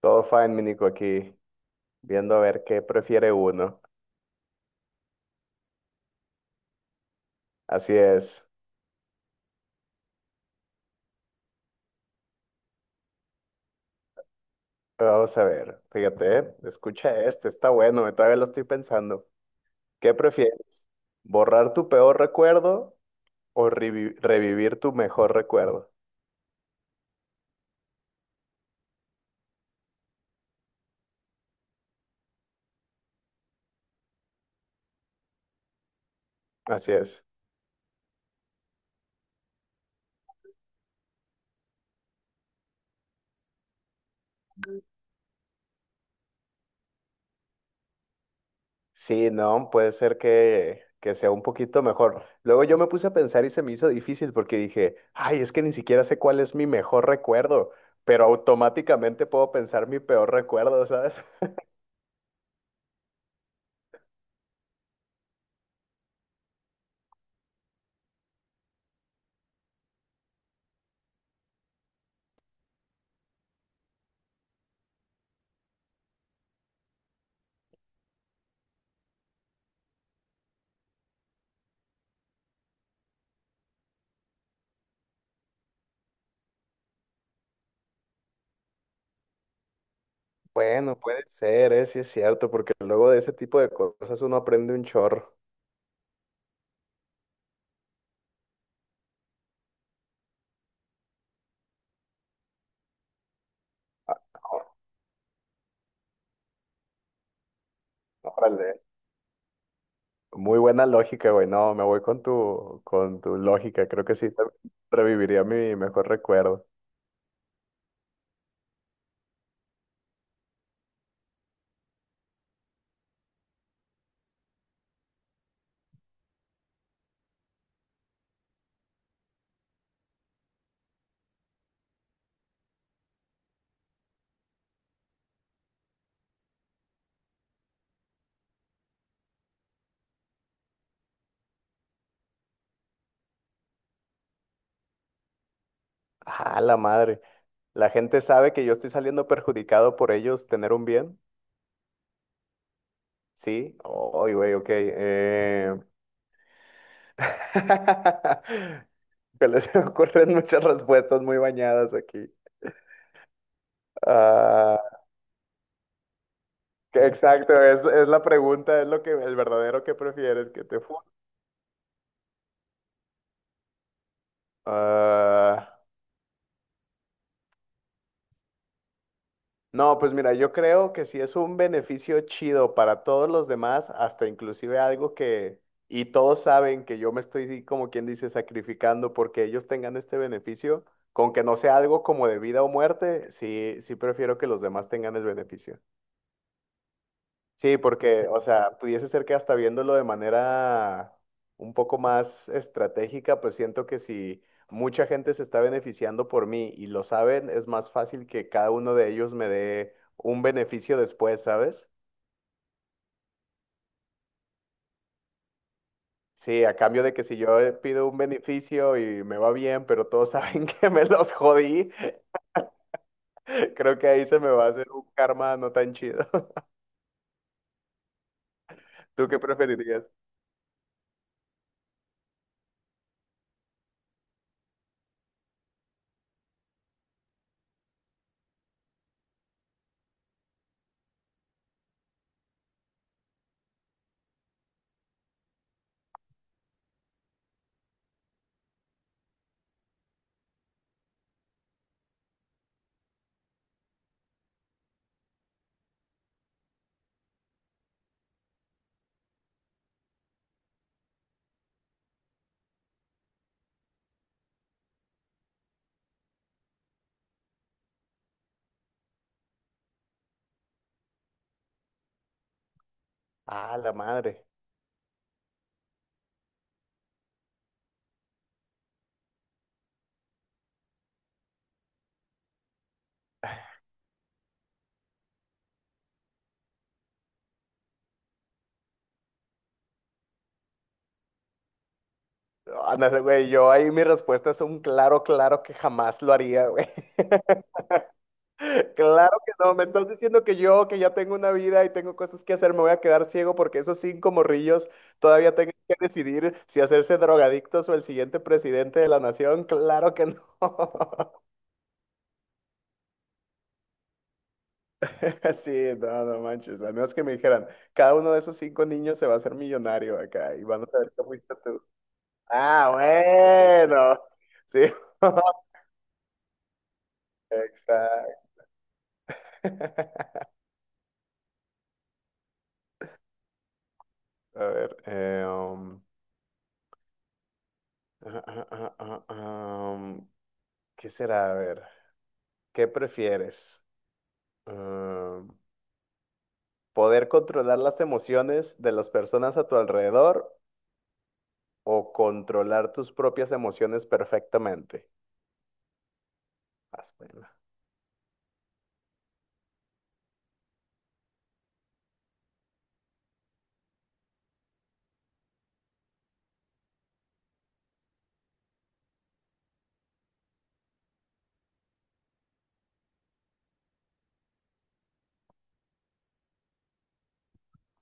Todo fine, mi Nico, aquí, viendo a ver qué prefiere uno. Así es. Vamos a ver, fíjate, escucha este, está bueno, todavía lo estoy pensando. ¿Qué prefieres? ¿Borrar tu peor recuerdo o revivir tu mejor recuerdo? Así es. Sí, no, puede ser que sea un poquito mejor. Luego yo me puse a pensar y se me hizo difícil porque dije, ay, es que ni siquiera sé cuál es mi mejor recuerdo, pero automáticamente puedo pensar mi peor recuerdo, ¿sabes? Bueno, puede ser, ¿eh? Sí es cierto, porque luego de ese tipo de cosas uno aprende un chorro. Órale. Muy buena lógica, güey. No, me voy con tu lógica. Creo que sí reviviría mi mejor recuerdo. Ah, la madre. ¿La gente sabe que yo estoy saliendo perjudicado por ellos tener un bien? Sí. Ay, güey, ok. Que les ocurren muchas respuestas muy bañadas aquí. ah Exacto, es la pregunta, es lo que, el verdadero que prefieres que te fun-. Ah, no, pues mira, yo creo que si es un beneficio chido para todos los demás, hasta inclusive algo que, y todos saben que yo me estoy, sí, como quien dice, sacrificando porque ellos tengan este beneficio, con que no sea algo como de vida o muerte, sí, sí prefiero que los demás tengan el beneficio. Sí, porque, o sea, pudiese ser que hasta viéndolo de manera un poco más estratégica, pues siento que si mucha gente se está beneficiando por mí y lo saben, es más fácil que cada uno de ellos me dé un beneficio después, ¿sabes? Sí, a cambio de que si yo pido un beneficio y me va bien, pero todos saben que me los jodí, creo que ahí se me va a hacer un karma no tan chido. ¿Tú qué preferirías? Ah, la madre. Ándale, güey, yo ahí mi respuesta es un claro, claro que jamás lo haría, güey. Claro que no, me estás diciendo que yo, que ya tengo una vida y tengo cosas que hacer, me voy a quedar ciego porque esos cinco morrillos todavía tengan que decidir si hacerse drogadictos o el siguiente presidente de la nación. Claro que no. Sí, no, no manches. Al menos que me dijeran, cada uno de esos cinco niños se va a hacer millonario acá y van a saber que fuiste tú. Ah, bueno. Sí. Exacto. A ver, um, ah, ah, ah, ah, ah, um, ¿qué será? A ver, ¿qué prefieres? Um, ¿Poder controlar las emociones de las personas a tu alrededor o controlar tus propias emociones perfectamente? Haz pena.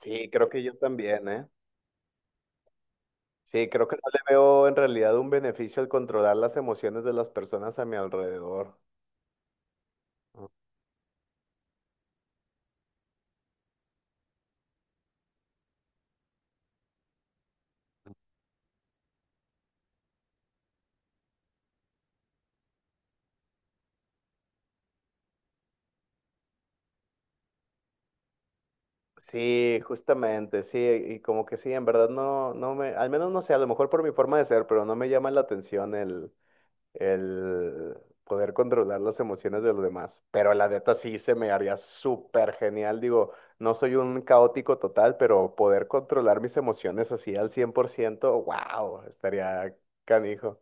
Sí, creo que yo también, ¿eh? Sí, creo que no le veo en realidad un beneficio al controlar las emociones de las personas a mi alrededor. Sí, justamente, sí, y como que sí, en verdad no, no me, al menos no sé, a lo mejor por mi forma de ser, pero no me llama la atención el poder controlar las emociones de los demás. Pero la neta sí se me haría súper genial, digo, no soy un caótico total, pero poder controlar mis emociones así al 100%, wow, estaría canijo.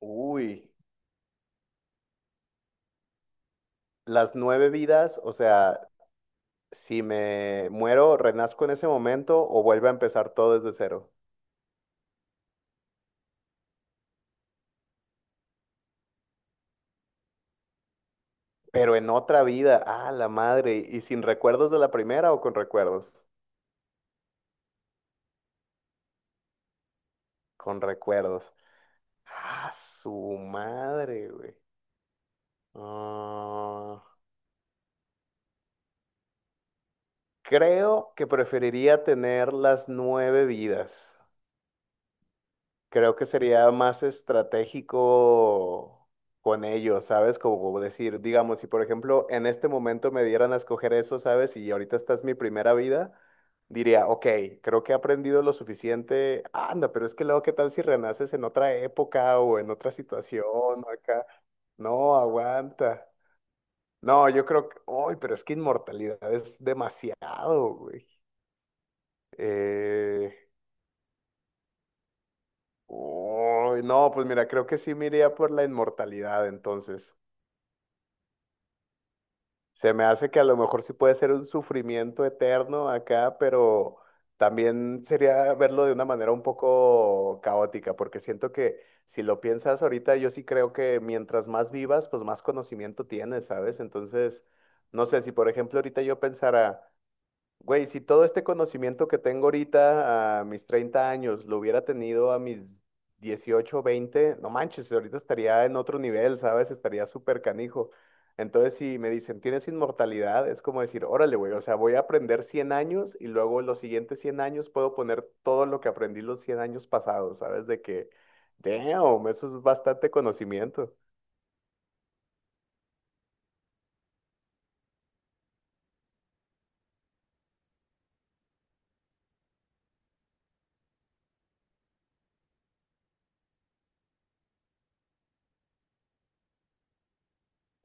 Uy, las nueve vidas, o sea, si me muero, renazco en ese momento o vuelve a empezar todo desde cero. Pero en otra vida, ah, la madre, ¿y sin recuerdos de la primera o con recuerdos? Con recuerdos. Ah, su madre, güey. Ah, creo que preferiría tener las nueve vidas. Creo que sería más estratégico con ellos, ¿sabes? Como decir, digamos, si por ejemplo en este momento me dieran a escoger eso, ¿sabes? Y ahorita esta es mi primera vida, diría, ok, creo que he aprendido lo suficiente. Anda, pero es que luego, ¿qué tal si renaces en otra época o en otra situación o acá? No, aguanta. No, yo creo que, uy, pero es que inmortalidad es demasiado, güey. Eh, Uy, no, pues mira, creo que sí me iría por la inmortalidad, entonces. Se me hace que a lo mejor sí puede ser un sufrimiento eterno acá, pero también sería verlo de una manera un poco caótica, porque siento que si lo piensas ahorita, yo sí creo que mientras más vivas, pues más conocimiento tienes, ¿sabes? Entonces, no sé, si por ejemplo ahorita yo pensara... Güey, si todo este conocimiento que tengo ahorita a mis 30 años lo hubiera tenido a mis 18, 20, no manches, ahorita estaría en otro nivel, ¿sabes? Estaría súper canijo. Entonces, si me dicen, ¿tienes inmortalidad? Es como decir, órale, güey, o sea, voy a aprender 100 años y luego los siguientes 100 años puedo poner todo lo que aprendí los 100 años pasados, ¿sabes? De que, damn, eso es bastante conocimiento.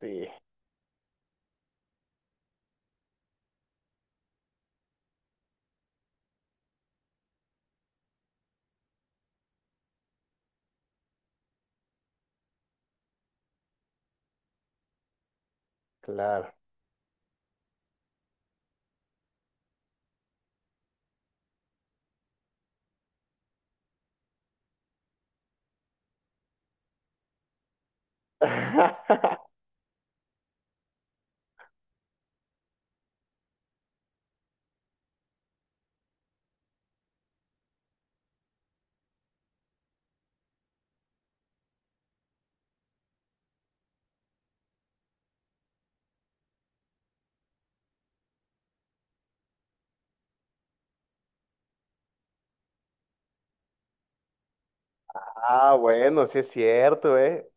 Sí, claro. Ah, bueno, sí es cierto, ¿eh?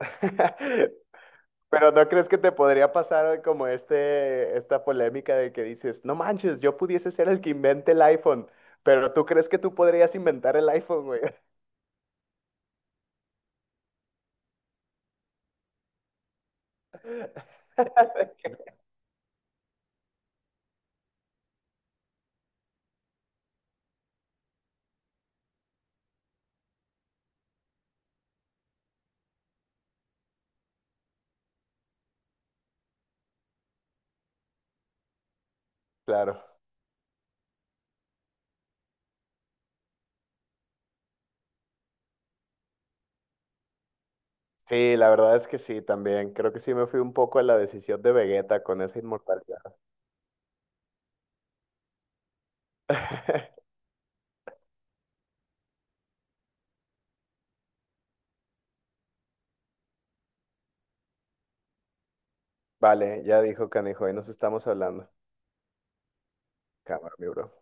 Pero ¿no crees que te podría pasar como este, esta polémica de que dices, no manches, yo pudiese ser el que invente el iPhone, pero tú crees que tú podrías inventar el iPhone, güey? Claro. Sí, la verdad es que sí, también. Creo que sí me fui un poco a la decisión de Vegeta con esa inmortalidad. Vale, ya dijo Canijo, ahí nos estamos hablando. Cámara, mi bro.